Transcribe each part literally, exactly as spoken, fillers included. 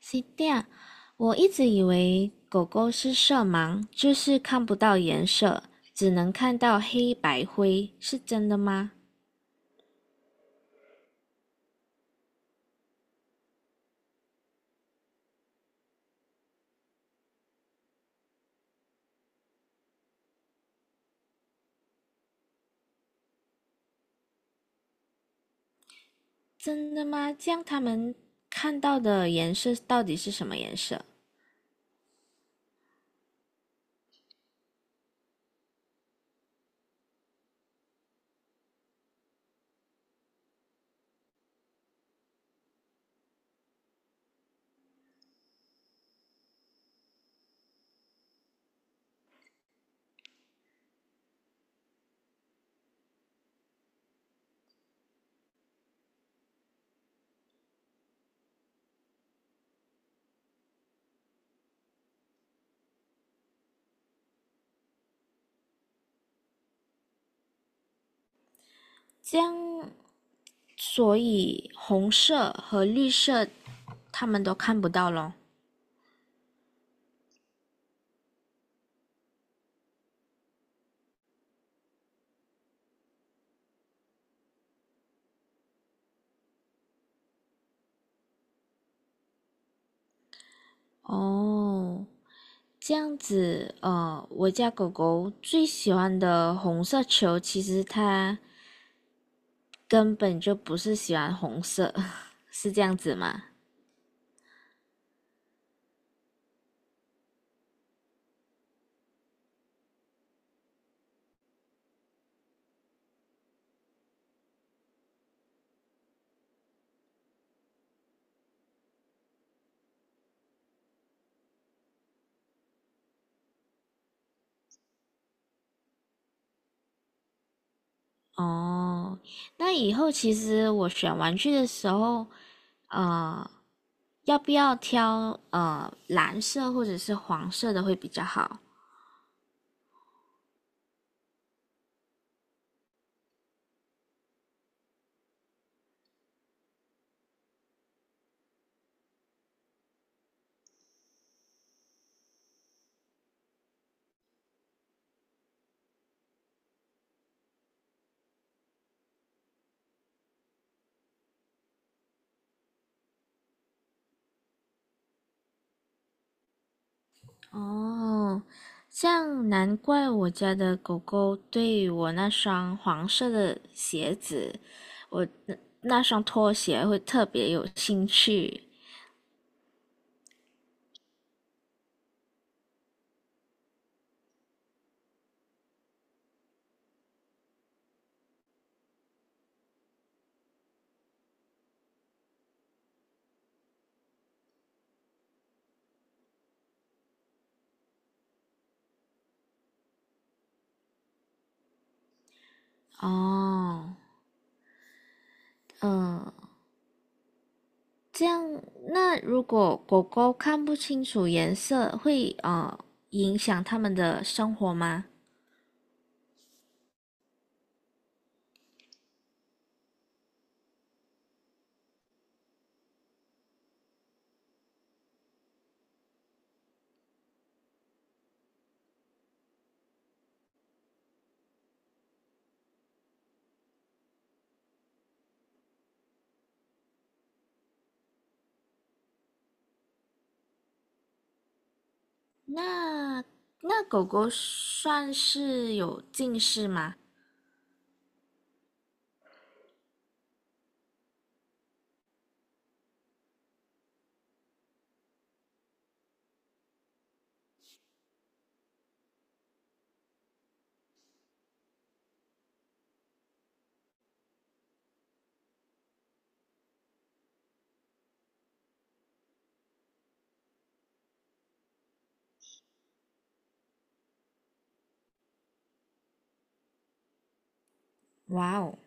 是这我一直以为狗狗是色盲，就是看不到颜色，只能看到黑白灰，是真的吗？真的吗？这样它们看到的颜色到底是什么颜色？这样，所以红色和绿色它们都看不到咯。哦，这样子，呃，我家狗狗最喜欢的红色球，其实它根本就不是喜欢红色，是这样子吗？哦，那以后其实我选玩具的时候，呃，要不要挑呃蓝色或者是黄色的会比较好？哦，这样难怪我家的狗狗对我那双黄色的鞋子，我那那双拖鞋会特别有兴趣。哦，嗯，这样，那如果狗狗看不清楚颜色，会呃影响它们的生活吗？那那狗狗算是有近视吗？哇哦，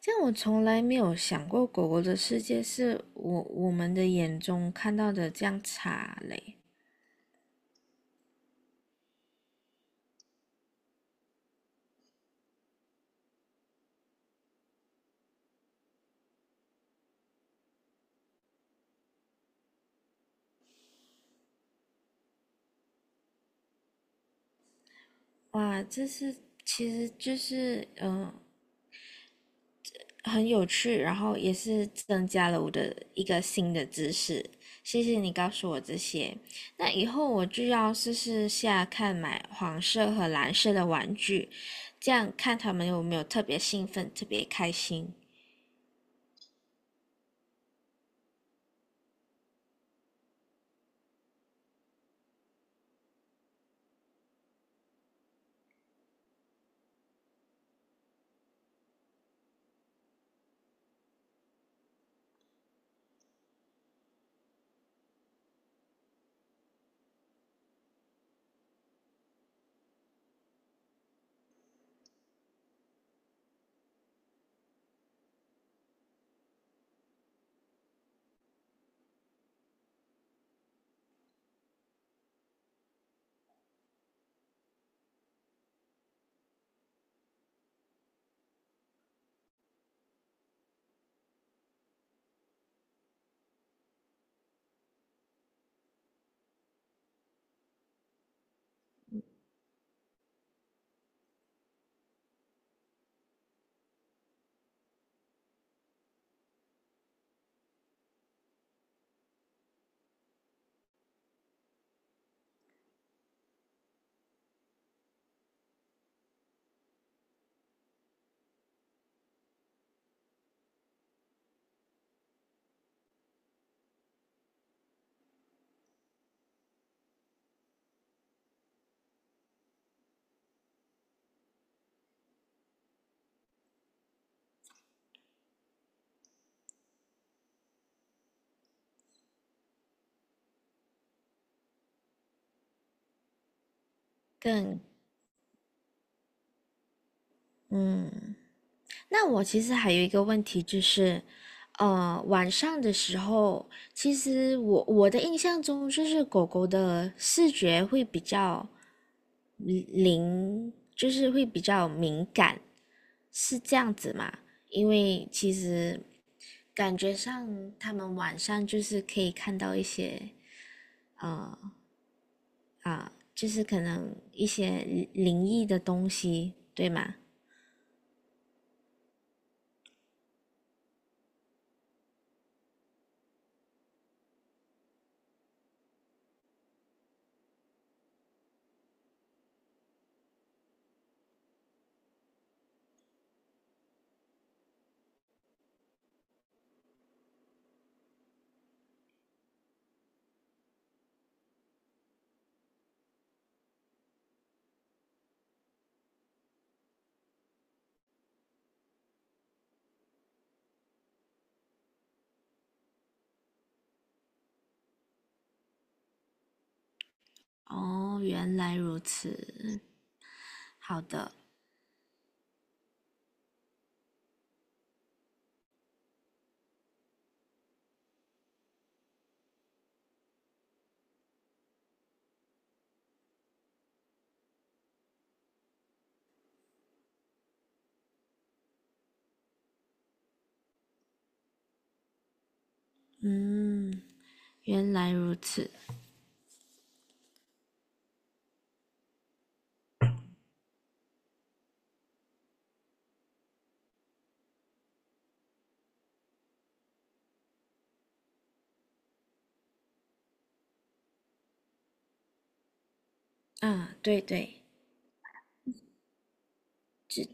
这样我从来没有想过狗狗的世界是我我们的眼中看到的这样差嘞。哇，这是其实就是嗯、呃很有趣，然后也是增加了我的一个新的知识。谢谢你告诉我这些，那以后我就要试试下看买黄色和蓝色的玩具，这样看他们有没有特别兴奋、特别开心。更嗯，那我其实还有一个问题就是，呃，晚上的时候，其实我我的印象中就是狗狗的视觉会比较嗯灵，就是会比较敏感。是这样子嘛？因为其实感觉上他们晚上就是可以看到一些呃啊，就是可能一些灵灵异的东西，对吗？哦，原来如此。好的，嗯，原来如此。啊，对对，只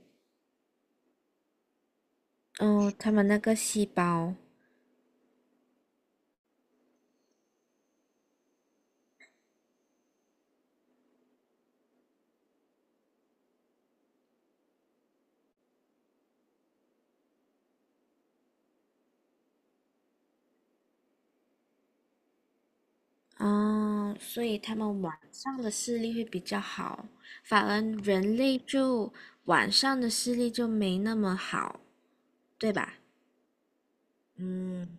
哦，他们那个细胞嗯，所以他们晚上的视力会比较好，反而人类就晚上的视力就没那么好，对吧？嗯，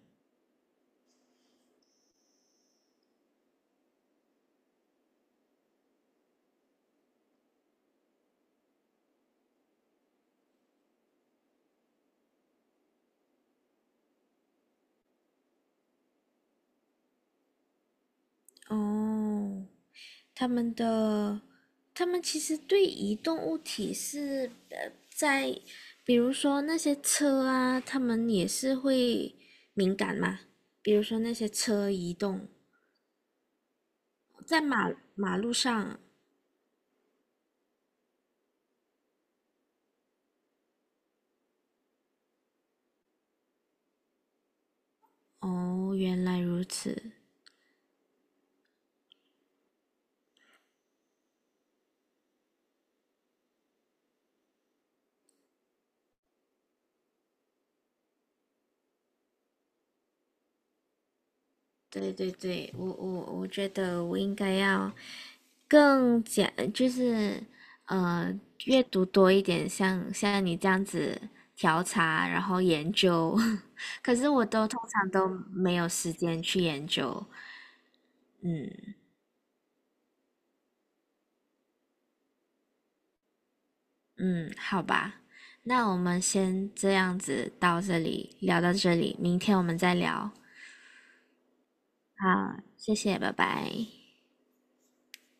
哦，他们的，他们其实对移动物体是呃，在比如说那些车啊，他们也是会敏感嘛。比如说那些车移动在马马路上，哦，原来如此。对对对，我我我觉得我应该要更讲，就是呃，阅读多一点，像像你这样子调查，然后研究。可是我都通常都没有时间去研究。嗯嗯，好吧，那我们先这样子到这里，聊到这里，明天我们再聊。好，谢谢，拜拜。